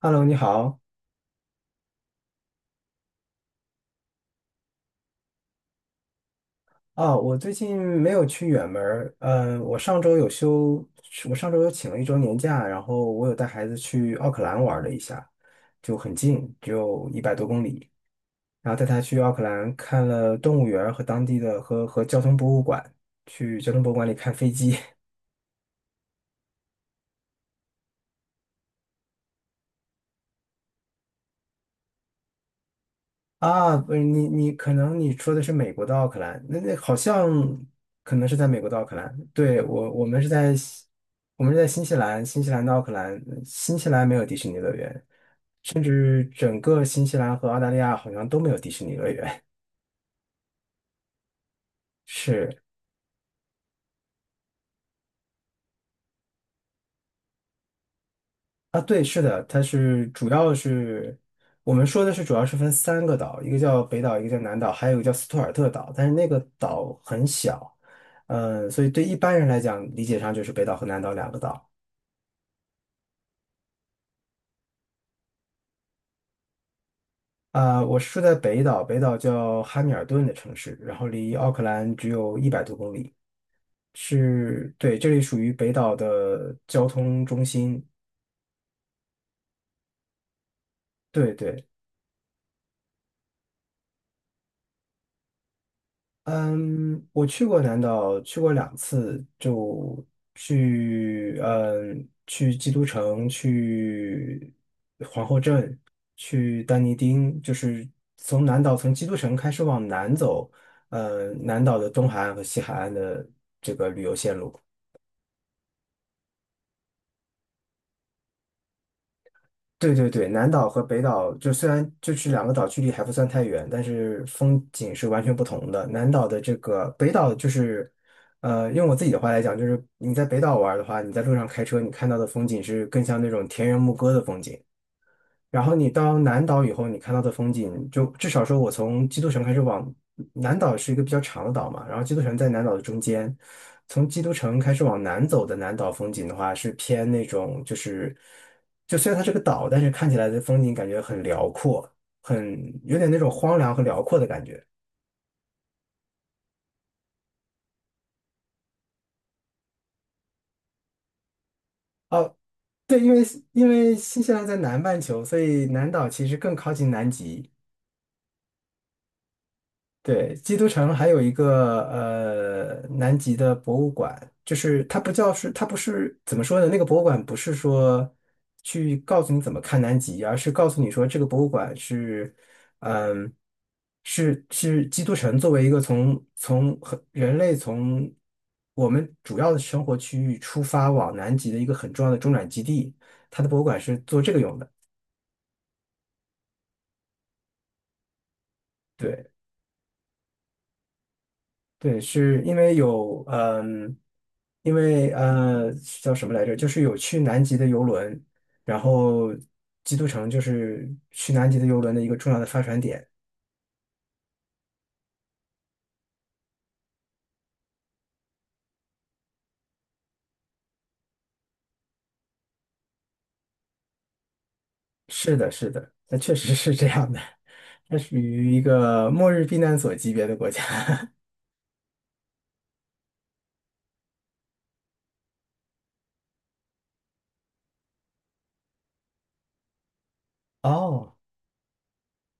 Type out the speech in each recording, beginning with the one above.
Hello，你好。啊，我最近没有去远门儿，嗯，我上周有请了一周年假，然后我有带孩子去奥克兰玩了一下，就很近，只有一百多公里。然后带他去奥克兰看了动物园儿和当地的和交通博物馆，去交通博物馆里看飞机。啊，不是你可能你说的是美国的奥克兰，那好像可能是在美国的奥克兰。对，西我们是在新西兰，新西兰的奥克兰，新西兰没有迪士尼乐园，甚至整个新西兰和澳大利亚好像都没有迪士尼乐园。是啊，对，是的，它是主要是我们说的是主要是分3个岛，一个叫北岛，一个叫南岛，还有一个叫斯图尔特岛，但是那个岛很小，嗯，所以对一般人来讲，理解上就是北岛和南岛两个岛。啊、我是住在北岛，北岛叫哈密尔顿的城市，然后离奥克兰只有一百多公里。是，对，这里属于北岛的交通中心。对对，嗯，我去过南岛，去过2次，就去，嗯，去基督城，去皇后镇，去丹尼丁，就是从南岛从基督城开始往南走。南岛的东海岸和西海岸的。对对对，南岛和北岛就虽然就是两个岛距离还不算太远，但是风景是完全不同的。南岛的这个北岛就是，用我自己的话来讲，就是你在北岛玩儿的话，你在路上开车，你看到的风景是更像那种田园牧歌的风景。然后你到南岛以后，你看到的风景，就至少说，我从基督城开始往南岛是一个比较长的岛嘛，然后基督城在南岛的中间。从基督城开始往南走的南岛风景的话，是偏那种就是，就虽然它是个岛，但是看起来的风景感觉很辽阔，很有点那种荒凉和辽阔的感觉。哦，对，因为新西兰在南半球，所以南岛其实更靠近南极。对，基督城还有一个南极的博物馆，就是它不是怎么说呢？那个博物馆不是说去告诉你怎么看南极，而是告诉你说这个博物馆嗯是基督城作为一个从人类我们主要的生活区域出发往南极的一个很重要的中转基地，它的博物馆是做这个用的。对。对，是因为因为呃叫什么来着？就是有去南极的游轮，然后基督城就是去南极的游轮的一个重要的发船点。是的，是的，那确实是这样的，它属于一个末日避难所级别的国家。哦。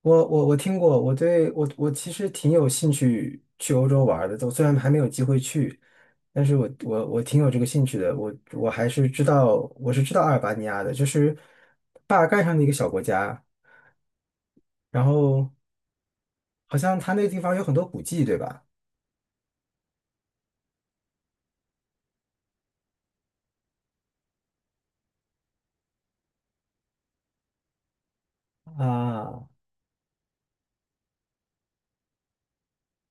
我听过，我对我我其实挺有兴趣去欧洲玩儿的，我虽然还没有机会去，但是我挺有这个兴趣的，我是知道阿尔巴尼亚的，就是巴尔干上的一个小国家，然后好像它那个地方有很多古迹，对吧？啊，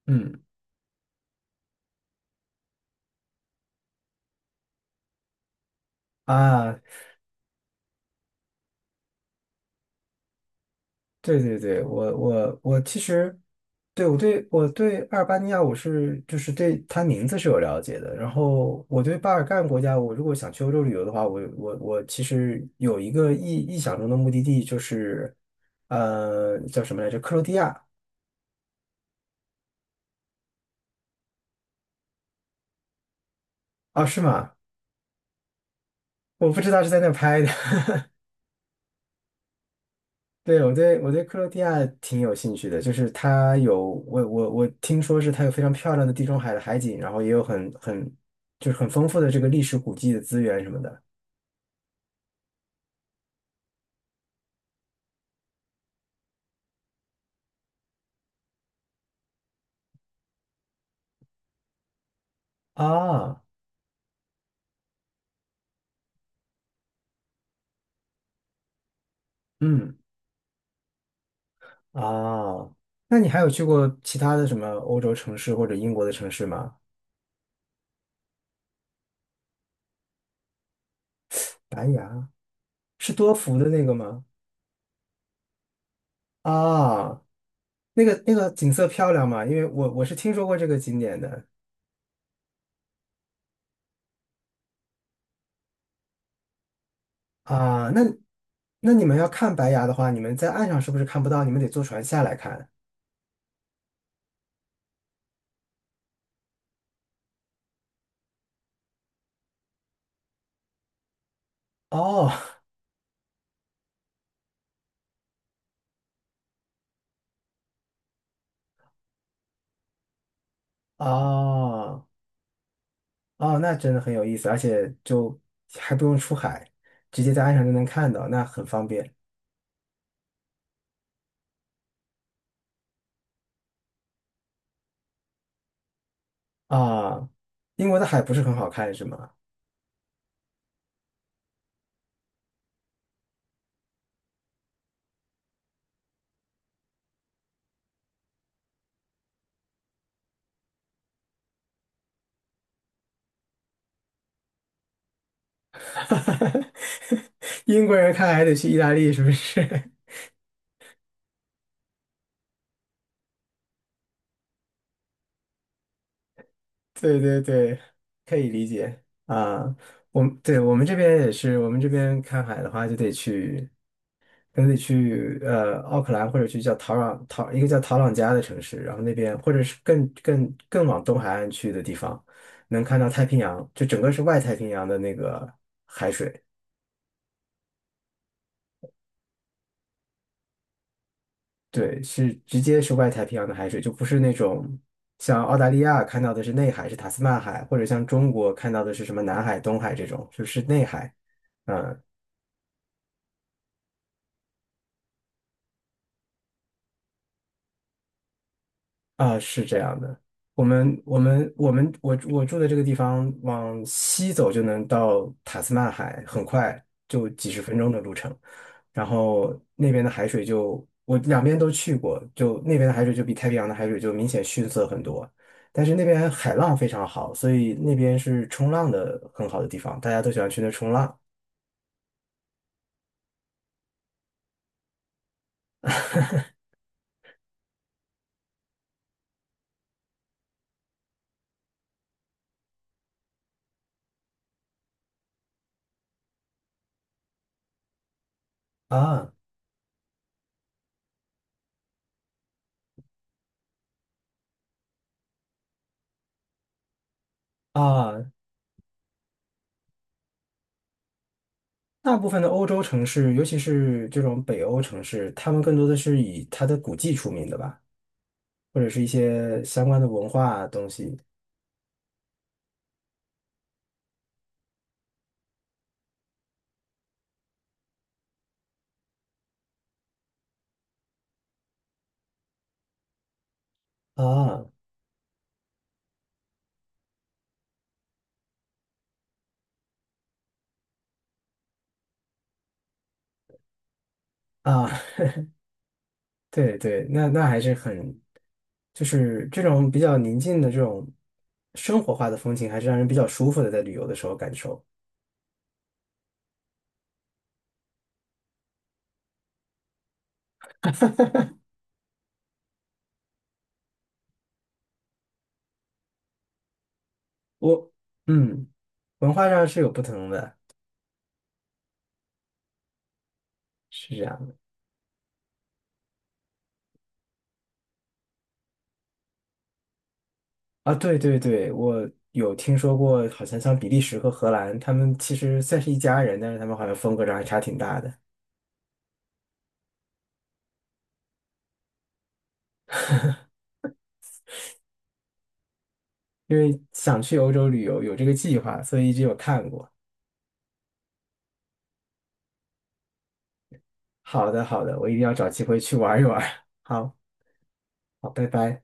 嗯啊，对对对，我其实对我对我对阿尔巴尼亚就是对它名字是有了解的，然后我对巴尔干国家，我如果想去欧洲旅游的话，我其实有一个意想中的目的地就是叫什么来着？克罗地亚。啊，是吗？我不知道是在那拍的。对，我对克罗地亚挺有兴趣的，就是它有我听说是它有非常漂亮的地中海的海景，然后也有很就是很丰富的这个历史古迹的资源什么的。啊，嗯啊，那你还有去过其他的什么欧洲城市或者英国的城市吗？白崖是多福的那个吗？啊，那个景色漂亮吗？因为我我是听说过这个景点的。啊，那那你们要看白崖的话，你们在岸上是不是看不到？你们得坐船下来看。哦哦哦，那真的很有意思，而且就还不用出海，直接在岸上就能看到，那很方便啊。英国的海不是很好看是吗？英国人看海得去意大利是不是？对对对，可以理解啊。我们这边也是，我们这边看海的话就得去。可能得去奥克兰，或者去叫陶朗陶一个叫陶朗加的城市，然后那边或者是更往东海岸去的地方，能看到太平洋，就整个是外太平洋的那个海水。对，是直接是外太平洋的海水，就不是那种像澳大利亚看到的是内海，是塔斯曼海，或者像中国看到的是什么南海、东海这种，就是内海，嗯。啊，是这样的，我们我们我们我我住的这个地方往西走就能到塔斯曼海，很快就几十分钟的路程。然后那边的海水就我两边都去过，就那边的海水就比太平洋的海水就明显逊色很多。但是那边海浪非常好，所以那边是冲浪的很好的地方，大家都喜欢去那冲浪。啊。啊，大部分的欧洲城市，尤其是这种北欧城市，他们更多的是以它的古迹出名的吧，或者是一些相关的文化东西。啊。啊，对对，那那还是很，就是这种比较宁静的这种生活化的风情，还是让人比较舒服的，在旅游的时候感受。我嗯，文化上是有不同的，是这样。啊，对对对，我有听说过，好像像比利时和荷兰，他们其实算是一家人，但是他们好像风格上还差挺大的。因为想去欧洲旅游，有这个计划，所以一直有看过。好的，好的，我一定要找机会去玩一玩。好，好，拜拜。